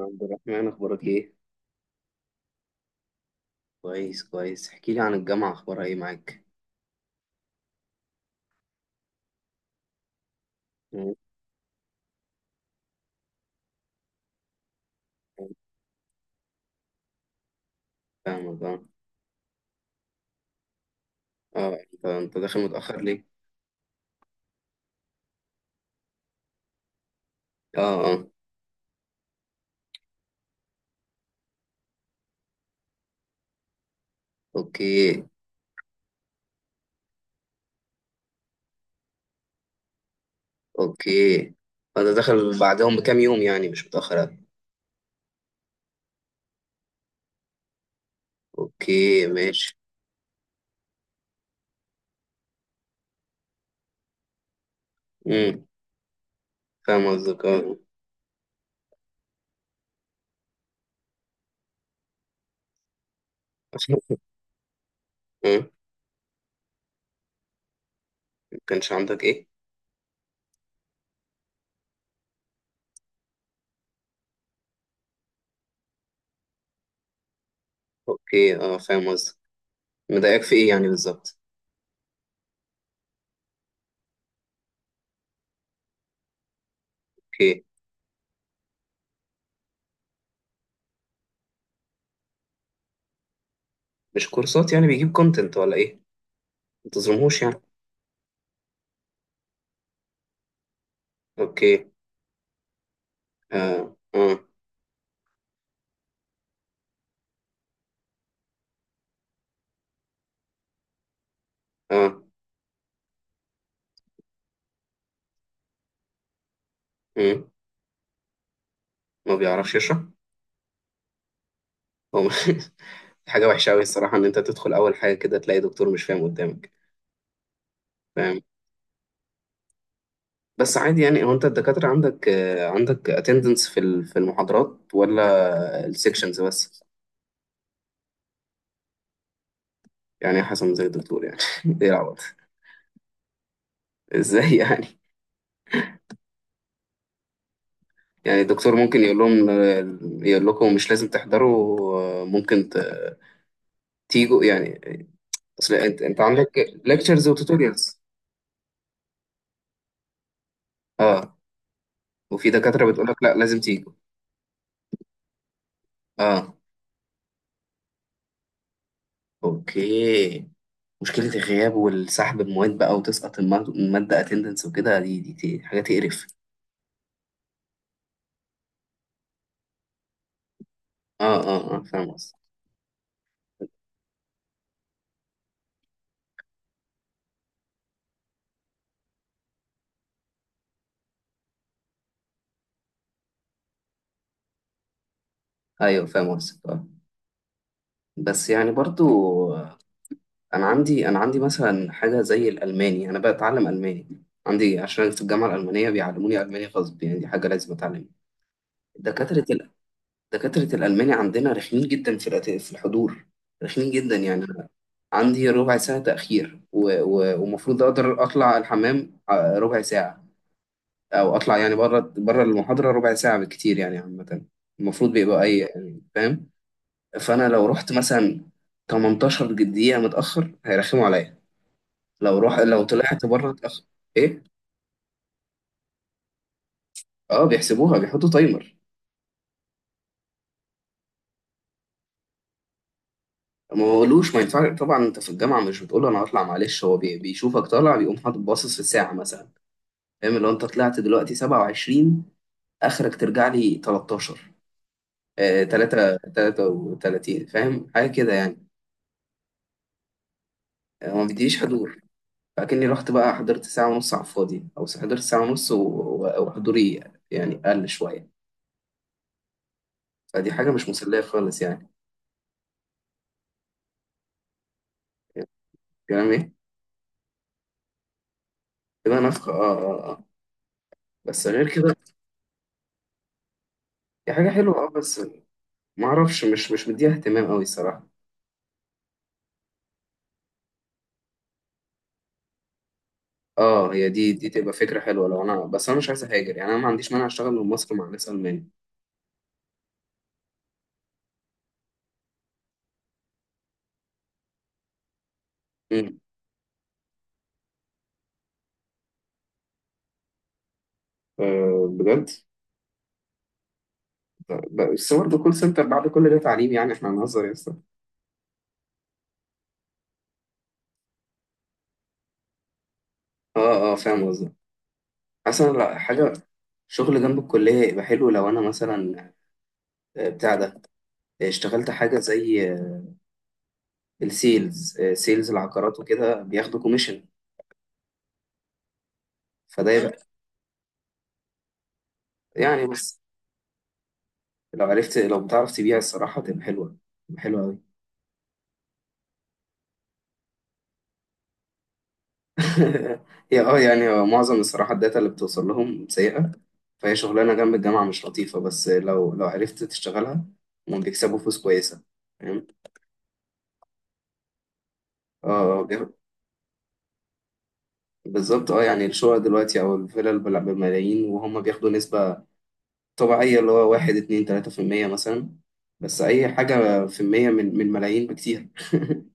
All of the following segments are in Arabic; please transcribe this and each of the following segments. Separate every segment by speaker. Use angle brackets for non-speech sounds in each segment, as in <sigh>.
Speaker 1: عبد الرحمن أخبارك إيه؟ كويس كويس، احكي لي عن الجامعة أخبارها إيه معاك؟ مم. فاهمك أه أه، أنت داخل متأخر ليه؟ أه أه. أوكي أوكي، أنت داخل بعدهم بكام يوم يعني مش متأخر أوي. أوكي ماشي. أمم فاهم قصدك أه. <laughs> أه، مكانش عندك إيه؟ أوكي أه فاهم قصدك. مضايقك في إيه يعني بالظبط؟ أوكي. مش كورسات يعني بيجيب كونتنت ولا إيه؟ متظلمهوش يعني. أوكي أه أه أه. أمم. ما بيعرفش يشرح؟ هو <laughs> حاجة وحشة أوي الصراحة إن أنت تدخل أول حاجة كده تلاقي دكتور مش فاهم قدامك. فاهم. بس عادي، يعني هو أنت الدكاترة عندك، عندك اتندنس في المحاضرات ولا السكشنز بس؟ يعني يا حسن زي الدكتور يعني. <laughs> إيه العبط. إزاي يعني؟ يعني الدكتور ممكن يقول لهم آه، يقول لكم مش لازم تحضروا، ممكن تيجوا يعني. أصل أنت عندك ليكتشرز وتوتوريالز. أه. وفي دكاترة بتقول لك لا، لازم تيجوا. أه. أوكي. مشكلة الغياب والسحب المواد بقى وتسقط المادة اتندنس وكده، دي حاجة تقرف. اه اه اه، فاهم قصدك. ايوه فاهم قصدك اه. بس يعني برضو، آه، انا عندي مثلا حاجة زي الالماني، انا بتعلم الماني عندي عشان أنا في الجامعة الألمانية بيعلموني ألماني غصب، يعني دي حاجة لازم أتعلمها. دكاترة ال... دكاترة الألماني عندنا رخمين جدا في الحضور. رخمين جدا، يعني أنا عندي ربع ساعة تأخير و- و- ومفروض أقدر أطلع الحمام ربع ساعة، او اطلع يعني بره بره المحاضره ربع ساعه بالكتير، يعني عامه المفروض بيبقى اي، يعني فاهم. فانا لو رحت مثلا 18 دقيقه متاخر هيرخموا عليا. لو طلعت بره اتاخر. ايه. اه، بيحسبوها، بيحطوا تايمر. ما بقولوش ما ينفعش طبعا، انت في الجامعه مش بتقول له انا هطلع معلش، هو بيشوفك طالع، بيقوم حاطط باصص في الساعه مثلا، فاهم. لو انت طلعت دلوقتي 27، اخرك ترجع لي 13، 3 33، فاهم حاجه كده يعني. ما بيديش حضور. فاكني رحت بقى حضرت ساعة ونص على الفاضي، أو حضرت ساعة ونص و- و- وحضوري يعني قل شوية. فدي حاجة مش مسلية خالص يعني. كلام إيه؟ كده نفخة آه آه آه. بس غير كده. هي حاجة حلوة بس معرفش، مش مديها اهتمام أوي الصراحة. آه، هي دي تبقى فكرة حلوة، لو أنا بس أنا مش عايز أهاجر، يعني أنا ما عنديش مانع أشتغل من مصر مع ناس ألمانية. أمم. آه بجد. بس برضه كول سنتر بعد كل ده تعليم، يعني إحنا هنهزر يا أسطى. آه آه فاهم قصدي. مثلا لا حاجة، شغل جنب الكلية يبقى حلو لو أنا مثلا، بتاع ده، اشتغلت حاجة زي، السيلز، سيلز العقارات وكده بياخدوا كوميشن. فده يبقى، يعني بس، لو بتعرف تبيع الصراحة تبقى حلوة. تبقى حلوة أوي. <laughs> هي يعني هو معظم الصراحة الداتا اللي بتوصل لهم سيئة، فهي شغلانة جنب الجامعة مش لطيفة، بس لو عرفت تشتغلها، هم بيكسبوا فلوس كويسة، فاهم. اه بالظبط اه، يعني الشقق دلوقتي أو الفلل بملايين، وهم بياخدوا نسبة طبيعية اللي هو واحد اتنين تلاتة في المية مثلا، بس أي حاجة في المية من ملايين بكتير. <laughs>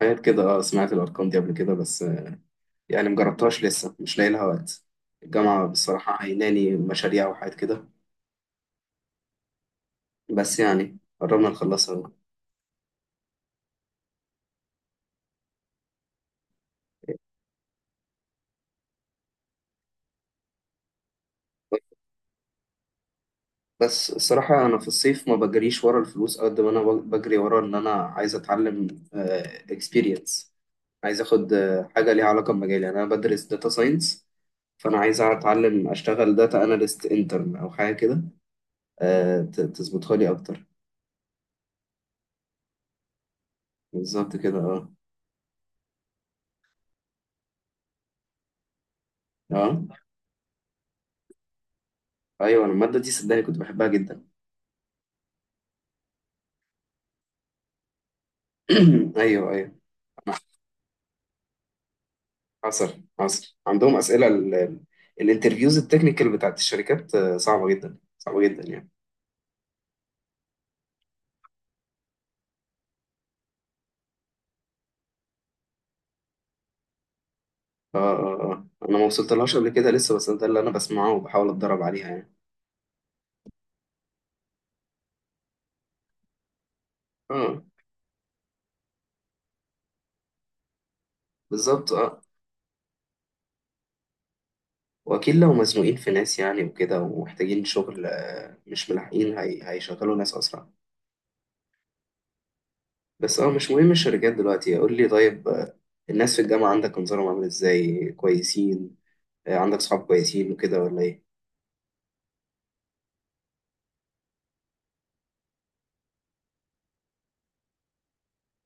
Speaker 1: حاجات كده، اه سمعت الأرقام دي قبل كده بس، يعني مجربتهاش لسه مش لاقي لها وقت. الجامعة بصراحة عيناني مشاريع وحاجات كده، بس يعني قربنا نخلصها أهو. بس الصراحة أنا في الصيف ما بجريش ورا الفلوس قد ما أنا بجري ورا إن أنا عايز أتعلم اكسبيرينس، عايز أخد حاجة ليها علاقة بمجالي، يعني أنا بدرس داتا ساينس، فأنا عايز أتعلم أشتغل داتا أناليست انترن أو حاجة كده، تظبطها لي أكتر. بالظبط كده أه. أه أيوه، أنا المادة دي صدقني كنت بحبها جدا. <clears throat> أيوه أيوه. حصل حصل عندهم أسئلة، الانترفيوز التكنيكال بتاعت الشركات صعبة جدا صعبة جدا يعني. اه اه اه، انا ما وصلتلهاش قبل كده لسه، بس ده اللي انا بسمعه وبحاول اتدرب عليها يعني. اه بالظبط اه. واكيد لو مزنوقين في ناس يعني وكده ومحتاجين شغل، مش ملاحقين، هيشغلوا ناس اسرع. بس اه مش مهم الشركات دلوقتي. قول لي طيب، الناس في الجامعة عندك انظارهم عامل ازاي؟ كويسين، عندك صحاب كويسين وكده ولا ايه؟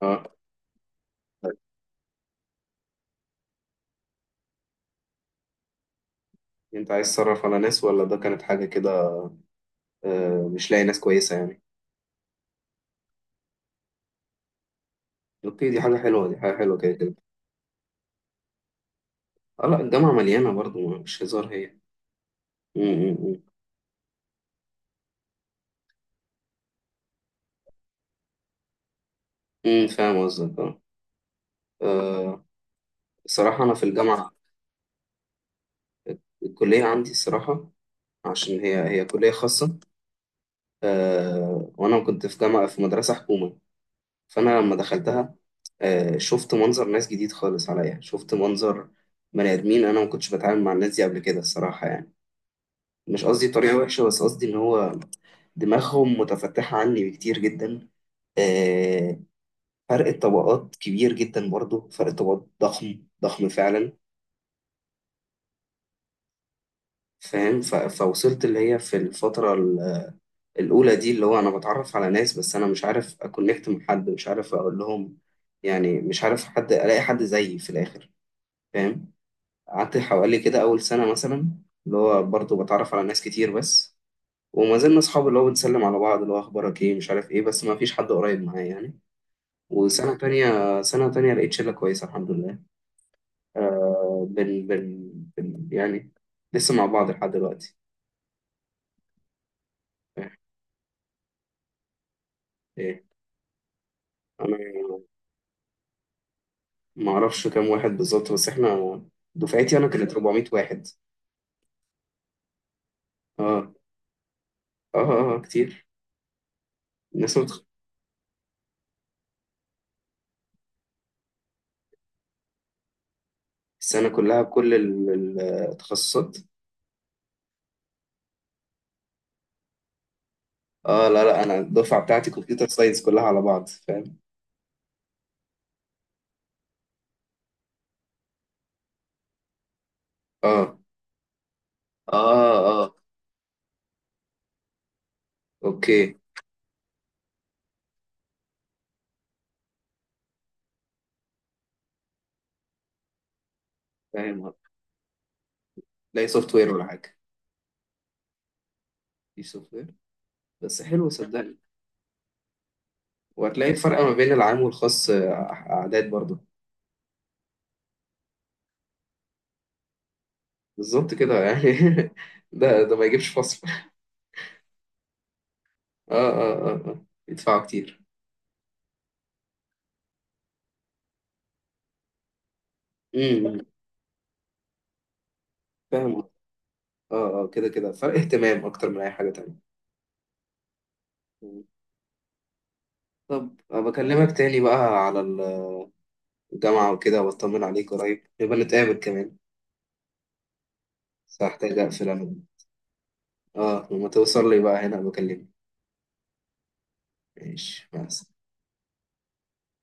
Speaker 1: اه، انت عايز تصرف على ناس ولا ده كانت حاجة كده، مش لاقي ناس كويسة يعني؟ اوكي، دي حاجة حلوة، دي حاجة حلوة كده كده. اه لا، الجامعة مليانة برضو مش هزار هي. م- م- م. فاهم قصدك اه. آه، الصراحة أنا في الجامعة، الكلية عندي الصراحة، عشان هي كلية خاصة. أه، وأنا كنت في مدرسة حكومة، فأنا لما دخلتها أه شفت منظر ناس جديد خالص عليا، شفت منظر بني آدمين، أنا ما كنتش بتعامل مع الناس دي قبل كده الصراحة، يعني مش قصدي طريقة وحشة، بس قصدي إن هو دماغهم متفتحة عني بكتير جدا. آه، فرق الطبقات كبير جدا، برضو فرق الطبقات ضخم ضخم فعلا. فاهم. فوصلت اللي هي في الفترة الأولى دي، اللي هو أنا بتعرف على ناس، بس أنا مش عارف أكونكت مع حد، مش عارف أقول لهم يعني، مش عارف حد، ألاقي حد زيي في الآخر، فاهم. قعدت حوالي كده أول سنة مثلا اللي هو برضه بتعرف على ناس كتير بس، وما زلنا أصحاب، اللي هو بنسلم على بعض اللي هو أخبارك إيه مش عارف إيه، بس ما فيش حد قريب معايا يعني. وسنة تانية سنة تانية لقيت شلة كويسة الحمد لله. آه. بن بن بن يعني لسه مع بعض لحد دلوقتي. آه، إيه، أنا ما اعرفش كام واحد بالظبط، بس احنا دفعتي انا كانت كتير، 400 واحد. اه اه اه، كتير. الناس متخ... السنه كلها بكل التخصصات. اه لا لا، انا الدفعه بتاعتي كمبيوتر ساينس كلها على بعض فاهم. اه اه اه اه. اوكي. فاهم. هتلاقي سوفت وير ولا حاجه؟ دي سوفت وير. بس حلو صدقني. وهتلاقي الفرق ما بين العام والخاص، اعداد برضه. بالظبط كده يعني. <laughs> ده ما يجيبش فصل. اه اه اه اه، يدفعوا كتير. امم فاهم. اه اه، كده كده فرق اهتمام اكتر من اي حاجة تانية. مم. طب أبقى بكلمك تاني بقى على الجامعة وكده، واطمن عليك قريب يبقى نتقابل كمان. بس هحتاج اقفل انا، اه لما توصل لي بقى هنا بكلمك. ماشي مع السلامة.